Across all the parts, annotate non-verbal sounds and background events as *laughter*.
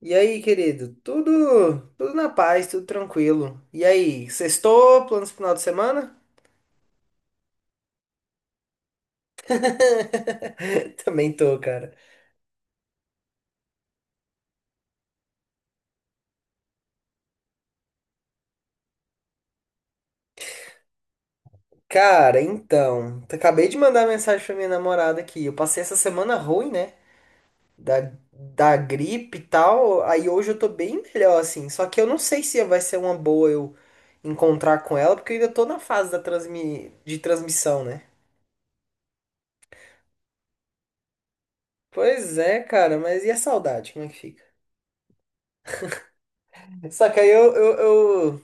E aí, querido? Tudo na paz, tudo tranquilo. E aí, sextou? Planos pro final de semana? *laughs* Também tô, cara. Cara, então, acabei de mandar mensagem pra minha namorada aqui. Eu passei essa semana ruim, né? Da gripe e tal. Aí hoje eu tô bem melhor, assim. Só que eu não sei se vai ser uma boa eu encontrar com ela, porque eu ainda tô na fase da transmissão, né? Pois é, cara, mas e a saudade? Como é que fica? Só que aí eu, eu, eu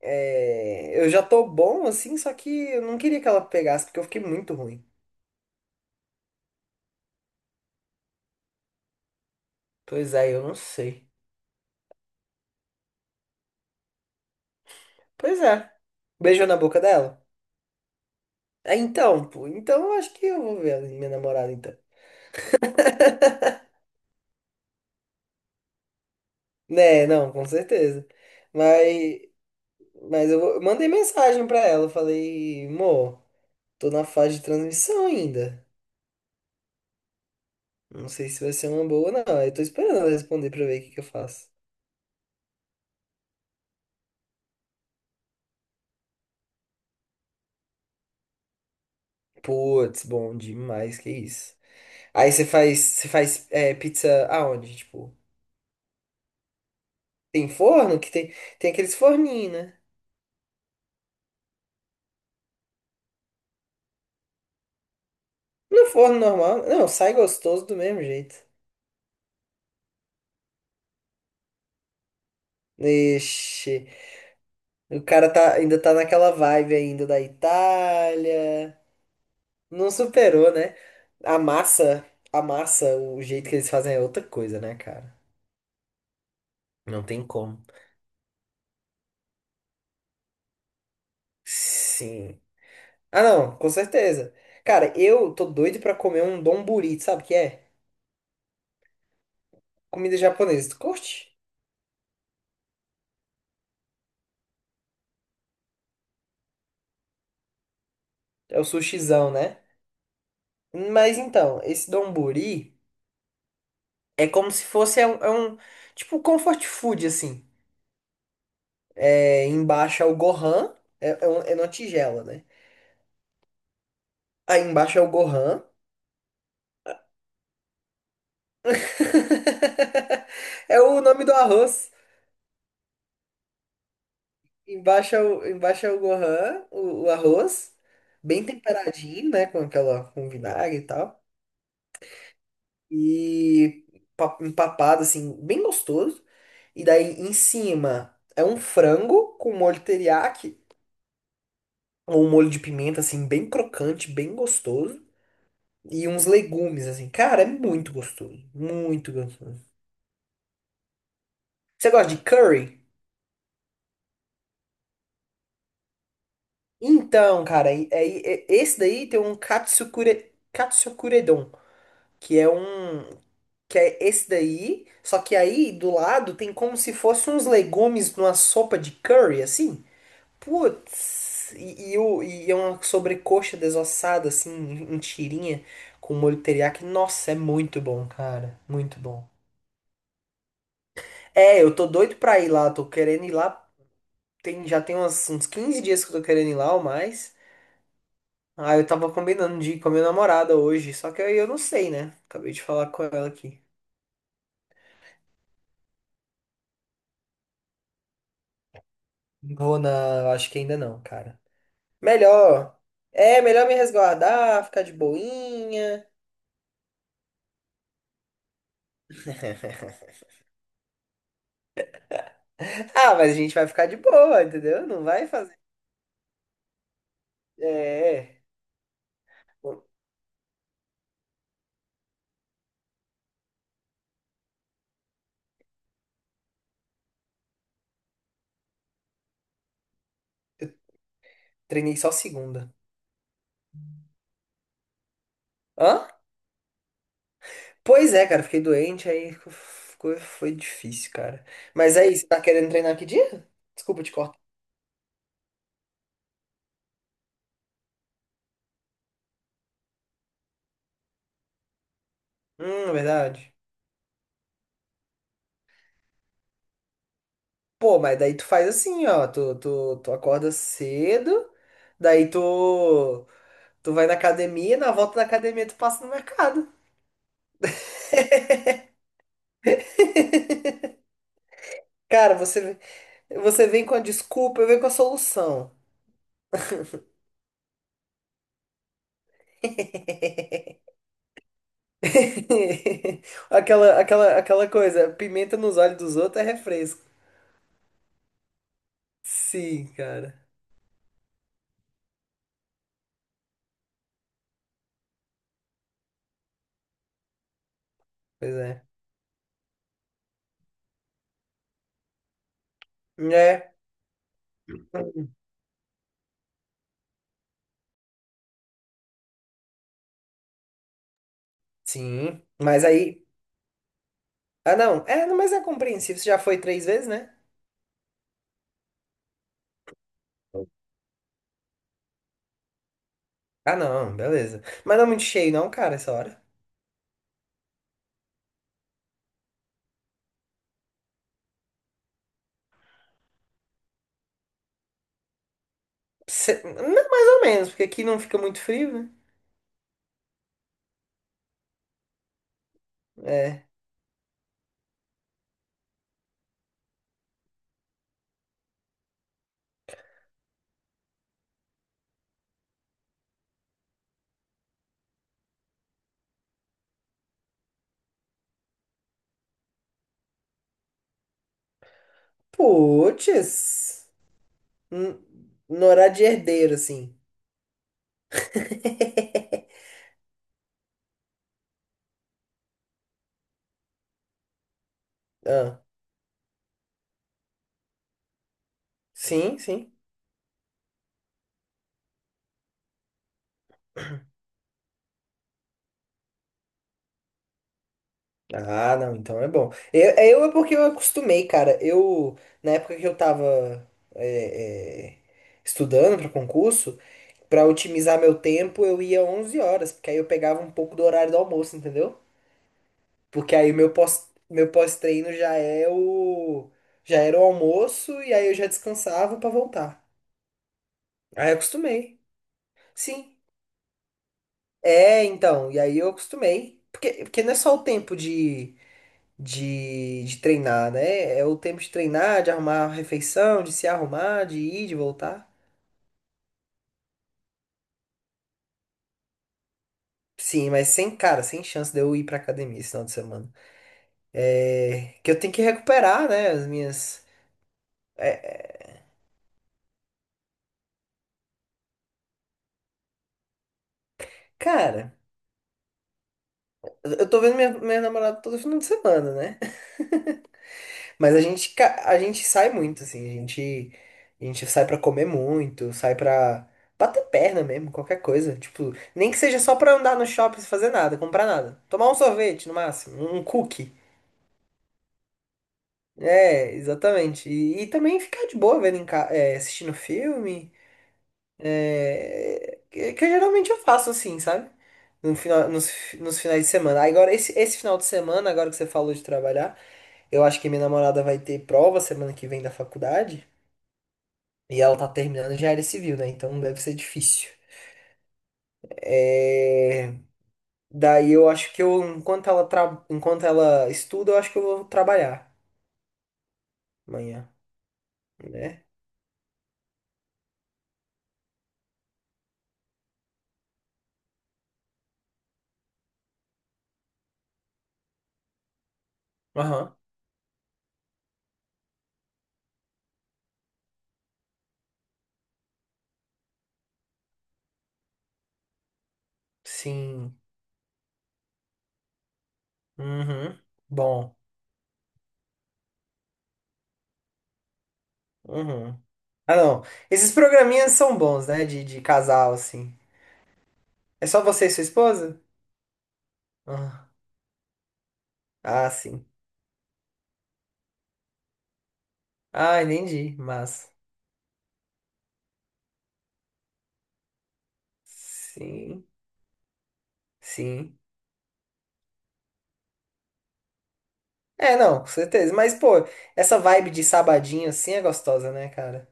É, eu já tô bom assim, só que eu não queria que ela pegasse, porque eu fiquei muito ruim. Pois é, eu não sei. Pois é. Beijou na boca dela? É, então, pô, então eu acho que eu vou ver a minha namorada, então. Né, não, com certeza. Mas, mas eu, eu mandei mensagem pra ela, eu falei, amor, tô na fase de transmissão ainda. Não sei se vai ser uma boa não. Eu tô esperando ela responder pra ver o que que eu faço. Putz, bom demais, que isso. Aí você faz é, pizza aonde, tipo? Tem forno que tem, tem aqueles forninhos, né? No forno normal, não, sai gostoso do mesmo jeito. Ixi, o cara tá, ainda tá naquela vibe ainda da Itália. Não superou, né? A massa, a massa, o jeito que eles fazem é outra coisa, né, cara? Não tem como. Sim. Ah, não, com certeza. Cara, eu tô doido pra comer um donburi, sabe o que é? Comida japonesa. Tu curte? É o sushizão, né? Mas então, esse donburi. É como se fosse tipo um comfort food assim. É, embaixo é o Gohan, é uma tigela, né? Aí embaixo é o Gohan. *laughs* É o nome do arroz. Embaixo é o Gohan, o arroz, bem temperadinho, né, com aquela com vinagre e tal. E empapado assim, bem gostoso. E daí em cima é um frango com molho teriyaki, ou um molho de pimenta assim, bem crocante, bem gostoso. E uns legumes, assim. Cara, é muito gostoso. Muito gostoso. Você gosta de curry? Então, cara, esse daí tem um katsukure, katsukuredon, que é um, que é esse daí, só que aí do lado tem como se fosse uns legumes numa sopa de curry, assim. Putz, e é uma sobrecoxa desossada, assim, em tirinha, com molho teriyaki. Nossa, é muito bom, cara, muito bom. É, eu tô doido pra ir lá, tô querendo ir lá tem, já tem uns 15 dias que eu tô querendo ir lá ou mais. Ah, eu tava combinando de ir com a minha namorada hoje, só que aí eu não sei, né? Acabei de falar com ela aqui. Vou na. Eu Acho que ainda não, cara. Melhor. É, melhor me resguardar, ficar de boinha. *laughs* Ah, mas a gente vai ficar de boa, entendeu? Não vai fazer. É. é. Bom, Treinei só segunda. Hã? Pois é, cara, fiquei doente, foi difícil, cara. Mas aí, você tá querendo treinar que dia? Desculpa te cortar. Verdade. Pô, mas daí tu faz assim, ó. Tu acorda cedo, daí tu vai na academia, na volta da academia tu passa no mercado. *laughs* Cara, você, você vem com a desculpa, eu venho com a solução. *laughs* Aquela coisa, pimenta nos olhos dos outros é refresco. Sim, cara. Pois é. É, sim. Mas aí. Ah, não. É, não, mas é compreensível. Você já foi três vezes, né? Ah, não, beleza. Mas não é muito cheio, não, cara, essa hora. Não, mais ou menos, porque aqui não fica muito frio, né? É. Puts. N- No horário de herdeiro, assim. *laughs* Ah, sim, sim. Ah, não, então é bom. Eu é porque eu acostumei, cara. Eu, na época que eu tava é, é, estudando para concurso, para otimizar meu tempo, eu ia 11 horas, porque aí eu pegava um pouco do horário do almoço, entendeu? Porque aí o meu meu pós-treino já é o. Já era o almoço e aí eu já descansava pra voltar. Aí eu acostumei. Sim. É, então. E aí eu acostumei. Porque, porque não é só o tempo de treinar, né? É o tempo de treinar, de arrumar a refeição, de se arrumar, de ir, de voltar. Sim, mas sem, cara, sem chance de eu ir pra academia esse final de semana. É. Que eu tenho que recuperar, né? As minhas. é, é, cara, eu tô vendo minha, minha namorada todo final de semana, né? Mas a gente, a gente sai muito, assim, a gente sai pra comer muito, sai pra bater perna mesmo, qualquer coisa. Tipo, nem que seja só pra andar no shopping sem fazer nada, comprar nada. Tomar um sorvete, no máximo, um cookie. É, exatamente. E também ficar de boa vendo é, assistindo filme. É... Que geralmente eu faço assim, sabe? No final, nos finais de semana. Agora, esse final de semana, agora que você falou de trabalhar, eu acho que minha namorada vai ter prova semana que vem da faculdade. E ela tá terminando já área civil, né? Então deve ser difícil. É... Daí eu acho que eu, enquanto ela estuda, eu acho que eu vou trabalhar amanhã, né? Aham. Sim. Uhum. Bom. Uhum. Ah, não. Esses programinhas são bons, né? De casal, assim. É só você e sua esposa? Ah, ah, sim. Ah, entendi. Mas. Sim. Sim. É, não, com certeza. Mas, pô, essa vibe de sabadinho assim é gostosa, né, cara?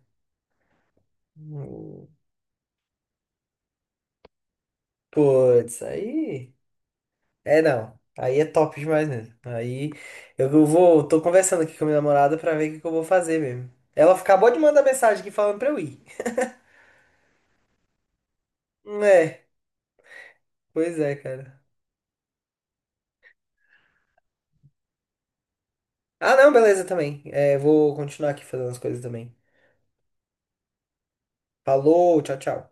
Hum, Putz, aí. É não. Aí é top demais mesmo. Aí eu vou. Tô conversando aqui com a minha namorada pra ver o que que eu vou fazer mesmo. Ela acabou de mandar mensagem aqui falando pra eu ir. É, pois é, cara. Ah, não, beleza também. É, vou continuar aqui fazendo as coisas também. Falou, tchau, tchau.